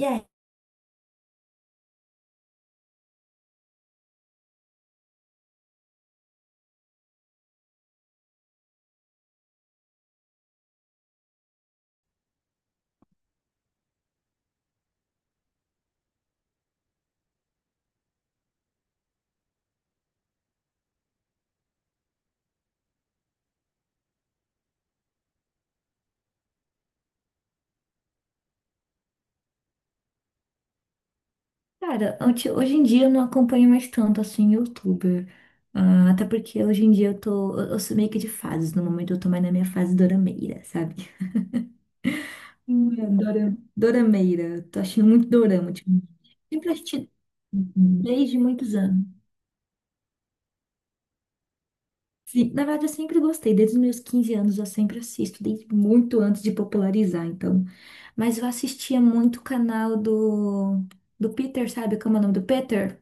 E aí, cara, hoje em dia eu não acompanho mais tanto assim youtuber. Ah, até porque hoje em dia eu tô. Eu sou meio que de fases. No momento eu tô mais na minha fase dorameira, sabe? Dorameira. Tô achando muito dorama, tipo. Sempre assisti desde muitos anos. Sim, na verdade, eu sempre gostei. Desde os meus 15 anos eu sempre assisto, desde muito antes de popularizar, então. Mas eu assistia muito do Peter, sabe? Como é o nome do Peter?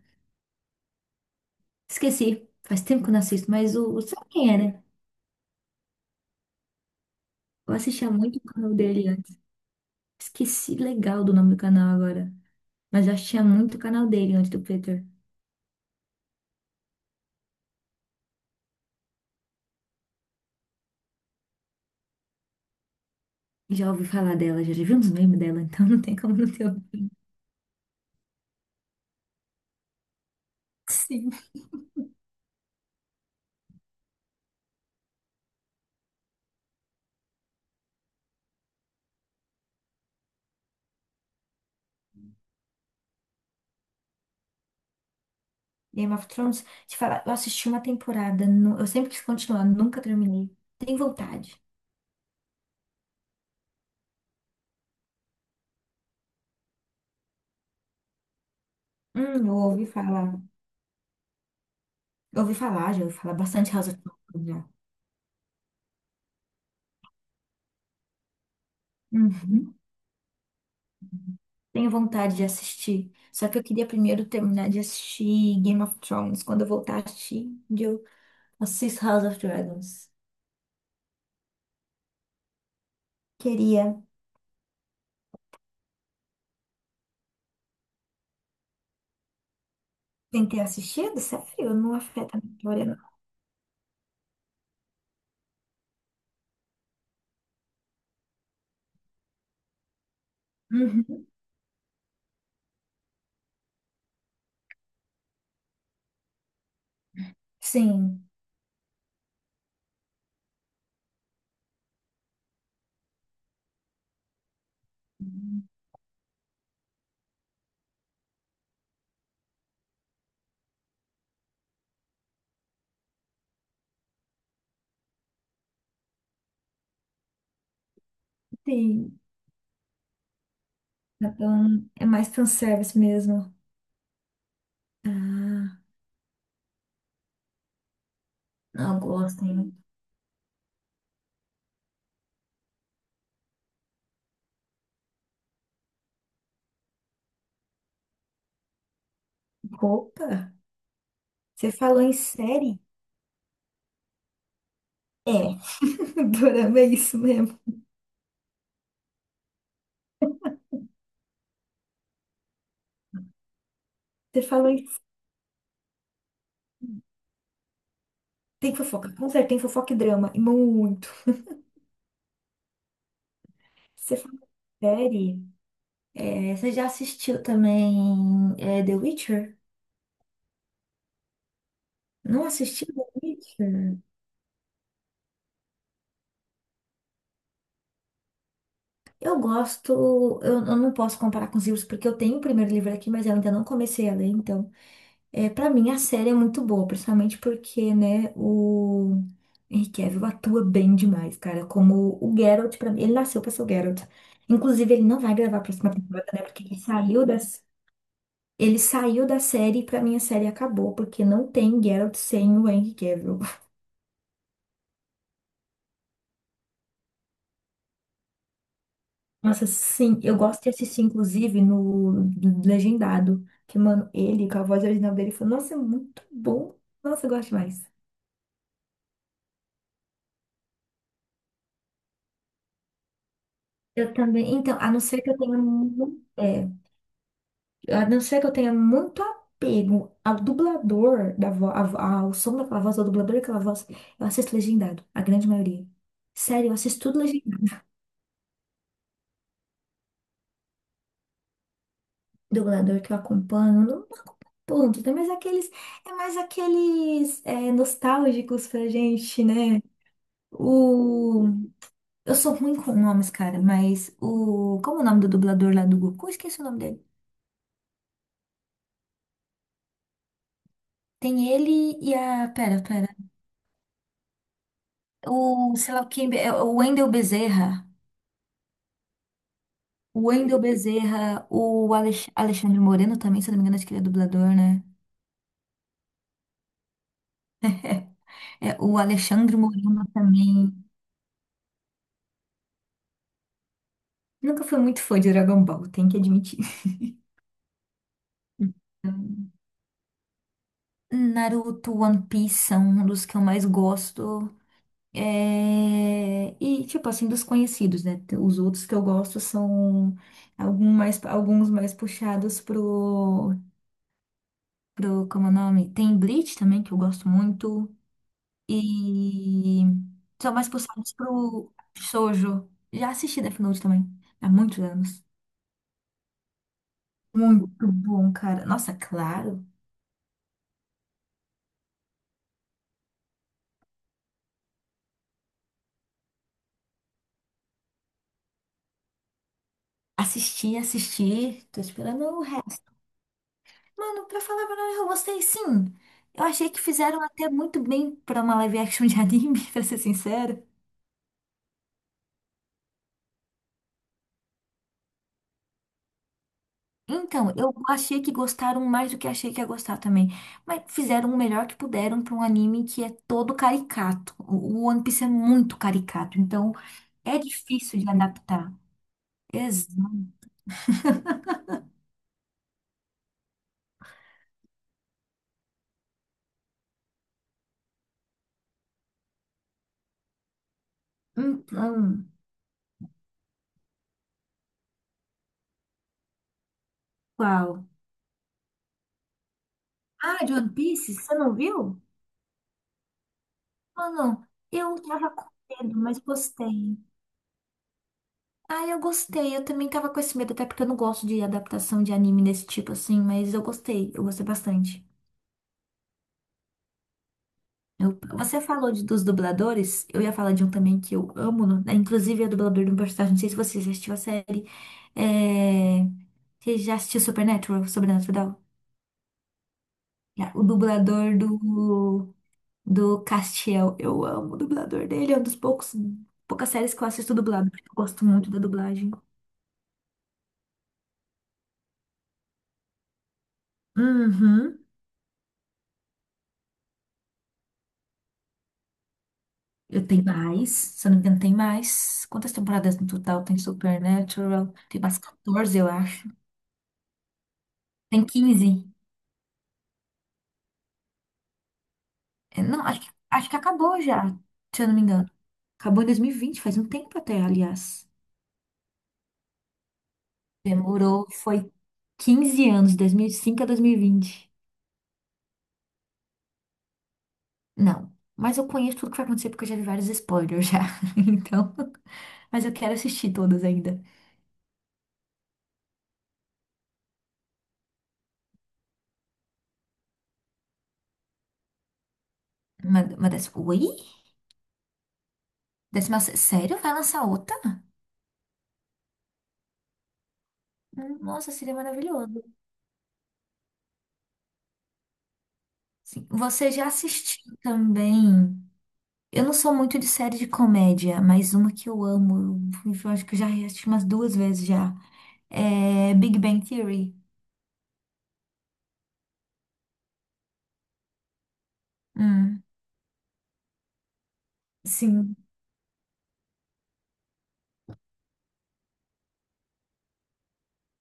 Esqueci. Faz tempo que eu não assisto, mas o sabe quem é, né? Eu assistia muito o canal dele antes. Esqueci legal do nome do canal agora. Mas eu assistia muito o canal dele antes do Peter. Já ouvi falar dela, já vi uns memes dela, então não tem como não ter ouvido. Sim. Game of Thrones, te falar, eu assisti uma temporada, eu sempre quis continuar, nunca terminei. Tem vontade. Eu ouvi falar. Eu ouvi falar, já ouvi falar bastante House of Thrones já. Uhum. Tenho vontade de assistir. Só que eu queria primeiro terminar de assistir Game of Thrones. Quando eu voltar a assistir, eu assisto House of Dragons. Queria. Tem ter assistido? Sério? Não afeta a minha história, não. Uhum. Sim. Tem. Então, é mais fanservice mesmo. Ah, não gosto, hein? Opa! Você falou em série? É. Dorama é isso mesmo. Você falou em... Tem fofoca. Com certeza tem fofoca e drama. E muito. Você falou em série? Você já assistiu também The Witcher? Não assistiu The Witcher? Eu gosto, eu não posso comparar com os livros porque eu tenho o primeiro livro aqui, mas eu ainda não comecei a ler, então. É, para mim a série é muito boa, principalmente porque, né, o Henry Cavill atua bem demais, cara, como o Geralt para mim, ele nasceu para ser o Geralt. Inclusive, ele não vai gravar a próxima temporada, né, porque ele saiu da série e pra mim a série acabou, porque não tem Geralt sem o Henry Cavill. Nossa, sim, eu gosto de assistir, inclusive, no do legendado. Que, mano, ele, com a voz original dele, falou, nossa, é muito bom. Nossa, eu gosto demais. Eu também, então, a não ser que eu tenha muito apego ao dublador, da vo, a vo- ao som daquela voz, ao dublador daquela voz, eu assisto legendado, a grande maioria. Sério, eu assisto tudo legendado. Dublador que eu acompanho, eu não ponto, né? É mais aqueles nostálgicos pra gente, né? O... Eu sou ruim com nomes, cara, mas o... Como é o nome do dublador lá do Goku? Esqueci o nome dele. Tem ele e a... Pera, pera. O, sei lá, quem... é o Wendel Bezerra. O Wendel Bezerra, o Alex... Alexandre Moreno também, se eu não me engano, acho que ele é dublador, né? É, o Alexandre Moreno também. Nunca fui muito fã de Dragon Ball, tenho que admitir. Naruto, One Piece são um dos que eu mais gosto. É, e, tipo assim, dos conhecidos, né? Os outros que eu gosto são alguns mais puxados como é o nome? Tem Bleach também, que eu gosto muito. E são mais puxados pro Shoujo. Já assisti Death Note também, há muitos anos. Muito bom, cara. Nossa, claro. Assisti, assisti. Tô esperando o resto. Mano, pra falar a verdade, eu gostei sim. Eu achei que fizeram até muito bem pra uma live action de anime, pra ser sincera. Então, eu achei que gostaram mais do que achei que ia gostar também. Mas fizeram o melhor que puderam pra um anime que é todo caricato. O One Piece é muito caricato, então é difícil de adaptar. Exato. Então, qual? Ah, de One Piece? Você não viu? Mano, eu tava com medo, mas gostei. Ah, eu gostei. Eu também tava com esse medo, até porque eu não gosto de adaptação de anime desse tipo assim, mas eu gostei bastante. Você falou dos dubladores, eu ia falar de um também que eu amo, né? Inclusive é dublador de um personagem, não sei se você já assistiu a série. É... Você já assistiu Supernatural, Sobrenatural? Já, o dublador do, do Castiel. Eu amo o dublador dele, é um dos poucos, poucas séries que eu assisto dublado, porque eu gosto muito da dublagem. Uhum. Eu tenho mais, se eu não me engano, tem mais. Quantas temporadas no total tem Supernatural? Tem umas 14, eu acho. Tem 15. Não, acho que acabou já, se eu não me engano. Acabou em 2020, faz um tempo até, aliás. Demorou, foi 15 anos, 2005 a 2020. Não, mas eu conheço tudo que vai acontecer porque eu já vi vários spoilers já. Então, mas eu quero assistir todas ainda. Uma dessa... Oi? Décima... Sério? Vai lançar outra? Nossa, seria maravilhoso. Sim. Você já assistiu também? Eu não sou muito de série de comédia, mas uma que eu amo, eu acho que eu já assisti umas duas vezes já. É Big Bang Theory. Hum, sim.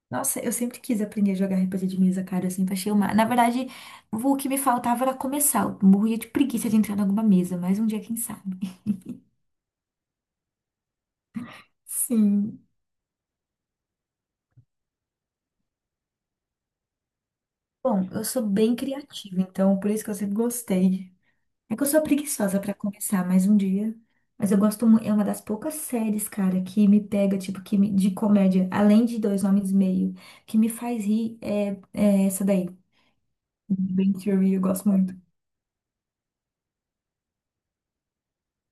Nossa, eu sempre quis aprender a jogar RPG de mesa, cara. Eu sempre achei uma. Na verdade, o que me faltava era começar. Eu morria de preguiça de entrar em alguma mesa, mas um dia, quem sabe? Sim. Bom, eu sou bem criativa, então por isso que eu sempre gostei. É que eu sou preguiçosa pra começar mais um dia. Mas eu gosto muito. É uma das poucas séries, cara, que me pega, tipo, de comédia, além de Dois Homens e Meio, que me faz rir, é essa daí. Big Bang Theory, eu gosto muito.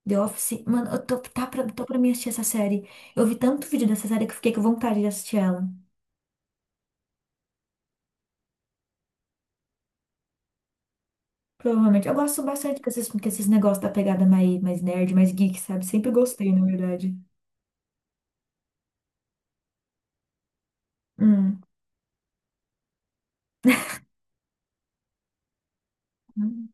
The Office, mano, eu tô, tá pra, tô pra mim assistir essa série. Eu vi tanto vídeo dessa série que eu fiquei com vontade de assistir ela. Provavelmente. Eu gosto bastante com esses negócios da pegada mais, mais nerd, mais geek, sabe? Sempre gostei, na verdade. Hum. Hum.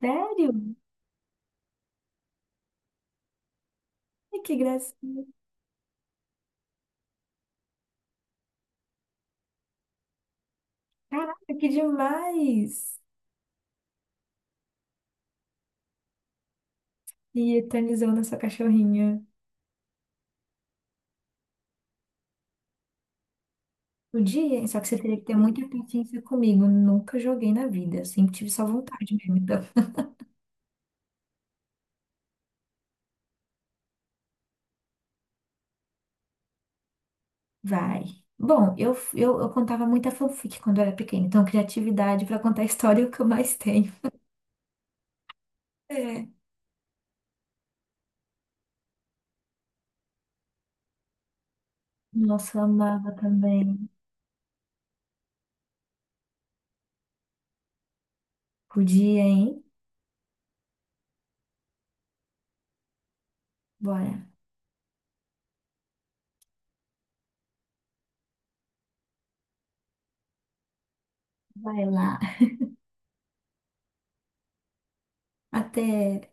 Sério? Ai, que gracinha. Caraca, que demais! E eternizando essa cachorrinha. Podia, só que você teria que ter muita paciência comigo. Nunca joguei na vida. Sempre tive só vontade mesmo. Então, vai. Bom, eu contava muita fanfic quando eu era pequena. Então, criatividade pra contar história é o que eu mais tenho. É. Nossa, eu amava também. Podia, hein? Bora. Vai lá. Até.